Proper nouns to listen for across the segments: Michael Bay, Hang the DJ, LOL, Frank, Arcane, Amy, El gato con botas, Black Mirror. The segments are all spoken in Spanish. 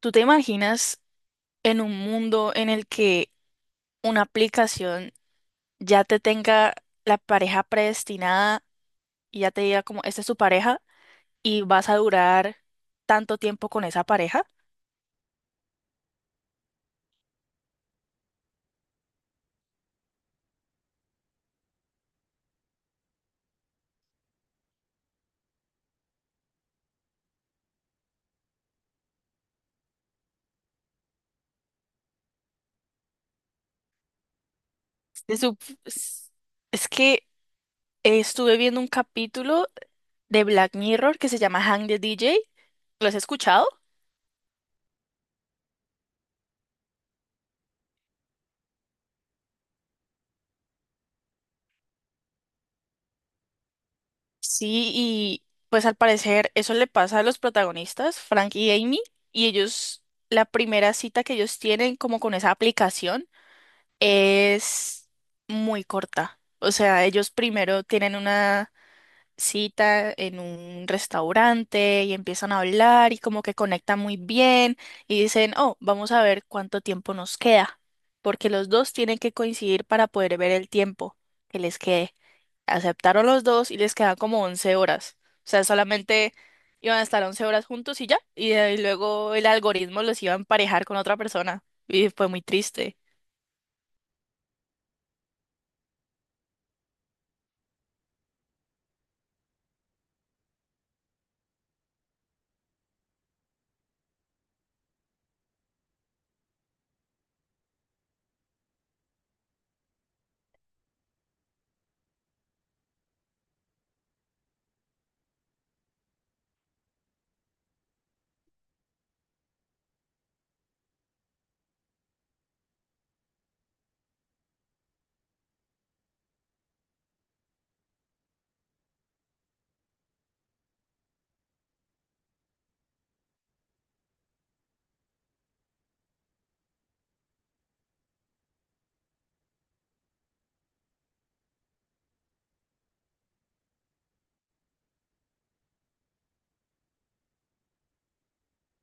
¿Tú te imaginas en un mundo en el que una aplicación ya te tenga la pareja predestinada y ya te diga como, esta es tu pareja y vas a durar tanto tiempo con esa pareja? Se sup- s- Es que estuve viendo un capítulo de Black Mirror que se llama Hang the DJ. ¿Lo has escuchado? Sí, y pues al parecer eso le pasa a los protagonistas, Frank y Amy, y ellos, la primera cita que ellos tienen como con esa aplicación es muy corta. O sea, ellos primero tienen una cita en un restaurante y empiezan a hablar y como que conectan muy bien y dicen, oh, vamos a ver cuánto tiempo nos queda, porque los dos tienen que coincidir para poder ver el tiempo que les quede. Aceptaron los dos y les quedan como 11 horas. O sea, solamente iban a estar 11 horas juntos y ya, y de ahí luego el algoritmo los iba a emparejar con otra persona y fue muy triste.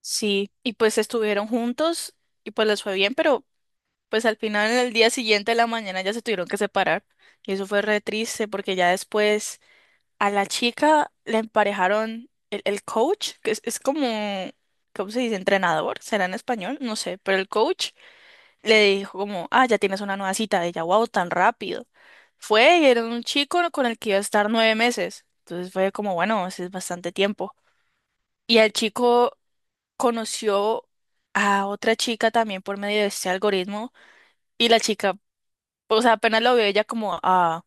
Sí, y pues estuvieron juntos y pues les fue bien, pero pues al final en el día siguiente de la mañana ya se tuvieron que separar. Y eso fue re triste porque ya después a la chica le emparejaron el coach, que es como, ¿cómo se dice? Entrenador, será en español, no sé, pero el coach le dijo como, ah, ya tienes una nueva cita, ella, wow, tan rápido. Fue y era un chico con el que iba a estar 9 meses. Entonces fue como, bueno, ese es bastante tiempo. Y al chico conoció a otra chica también por medio de este algoritmo y la chica, o sea, apenas lo vio ella como, ah,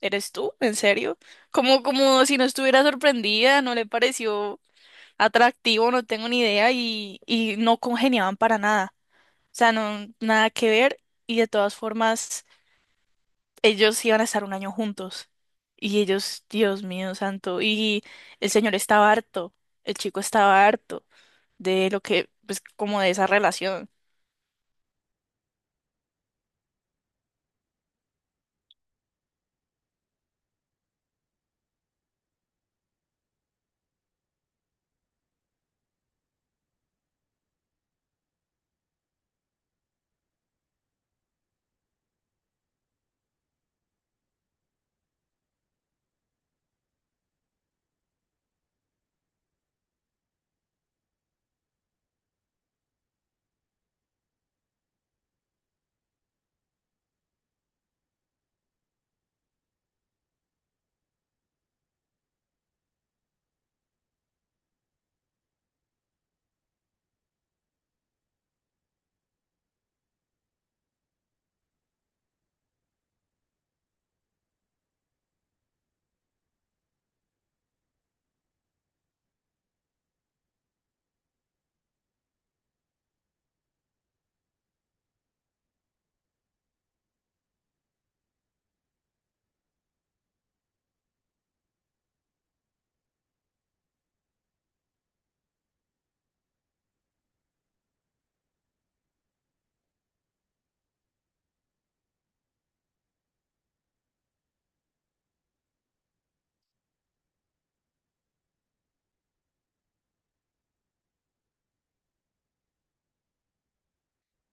¿eres tú? ¿En serio? Como, como si no estuviera sorprendida, no le pareció atractivo, no tengo ni idea y no congeniaban para nada. O sea, no, nada que ver y de todas formas ellos iban a estar un año juntos. Y ellos, Dios mío santo, y el señor estaba harto, el chico estaba harto de lo que, pues como de esa relación.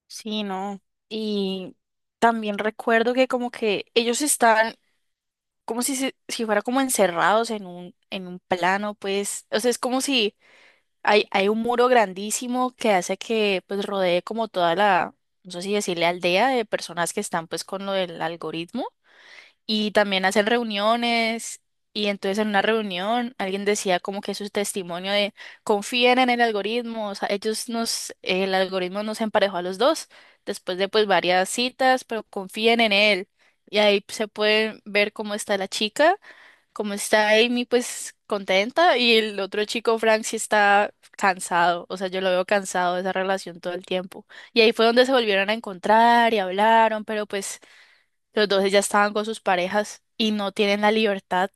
Sí, no. Y también recuerdo que como que ellos están como si, si fuera como encerrados en un plano, pues, o sea, es como si hay un muro grandísimo que hace que pues rodee como toda la, no sé si decirle aldea de personas que están pues con lo del algoritmo y también hacen reuniones y entonces en una reunión alguien decía como que su testimonio de confíen en el algoritmo, o sea, ellos nos, el algoritmo nos emparejó a los dos después de pues varias citas, pero confíen en él y ahí se puede ver cómo está la chica, cómo está Amy pues contenta y el otro chico Frank sí está cansado, o sea, yo lo veo cansado de esa relación todo el tiempo. Y ahí fue donde se volvieron a encontrar y hablaron, pero pues los dos ya estaban con sus parejas y no tienen la libertad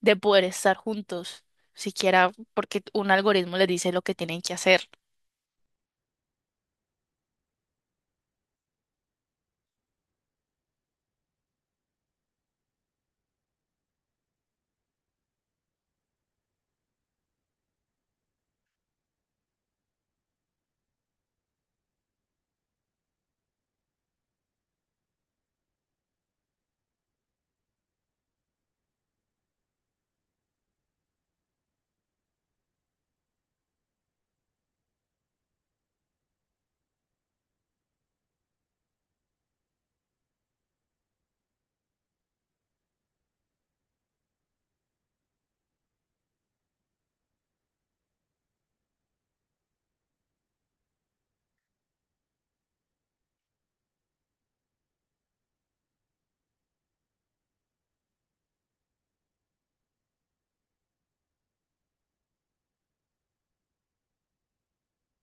de poder estar juntos, siquiera porque un algoritmo les dice lo que tienen que hacer.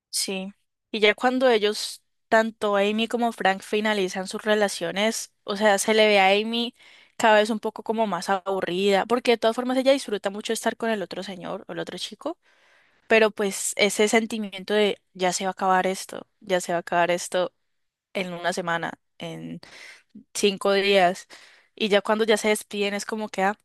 Sí. Y ya cuando ellos, tanto Amy como Frank, finalizan sus relaciones, o sea, se le ve a Amy cada vez un poco como más aburrida, porque de todas formas ella disfruta mucho estar con el otro señor o el otro chico, pero pues ese sentimiento de ya se va a acabar esto, ya se va a acabar esto en una semana, en 5 días. Y ya cuando ya se despiden es como que, ah,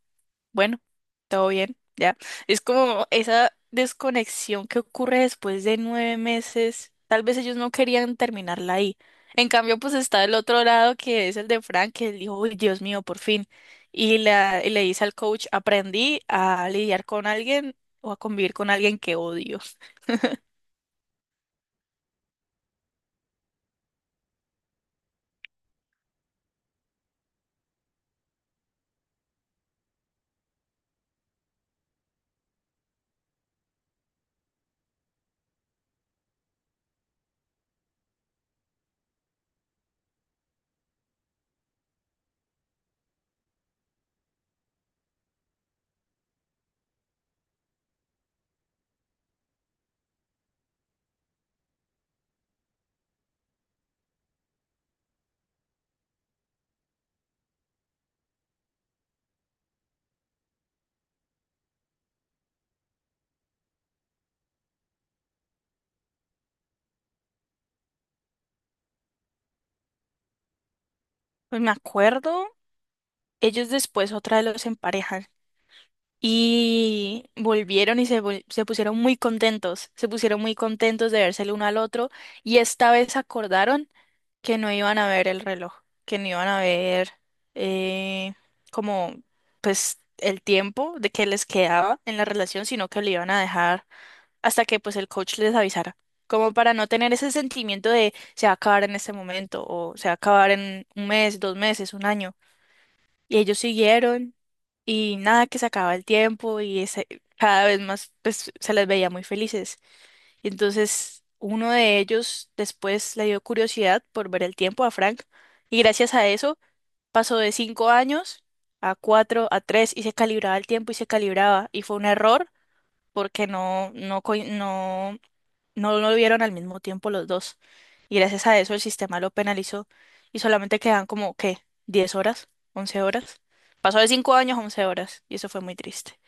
bueno, todo bien, ya. Es como esa desconexión que ocurre después de 9 meses. Tal vez ellos no querían terminarla ahí. En cambio, pues está el otro lado que es el de Frank, que él dijo, uy, Dios mío, por fin. Y, la, y le dice al coach, aprendí a lidiar con alguien o a convivir con alguien que odio. Pues me acuerdo, ellos después otra vez los emparejan. Y volvieron y se, se pusieron muy contentos, se pusieron muy contentos de verse el uno al otro y esta vez acordaron que no iban a ver el reloj, que no iban a ver eh, como pues el tiempo de que les quedaba en la relación, sino que lo iban a dejar hasta que pues el coach les avisara, como para no tener ese sentimiento de se va a acabar en este momento o se va a acabar en un mes, dos meses, un año. Y ellos siguieron y nada, que se acababa el tiempo y cada vez más pues, se les veía muy felices. Y entonces uno de ellos después le dio curiosidad por ver el tiempo a Frank y gracias a eso pasó de 5 años a cuatro, a tres y se calibraba el tiempo y se calibraba. Y fue un error porque no, no, no, no lo vieron al mismo tiempo los dos. Y gracias a eso el sistema lo penalizó y solamente quedan como, ¿qué? ¿10 horas? ¿11 horas? Pasó de 5 años a 11 horas y eso fue muy triste.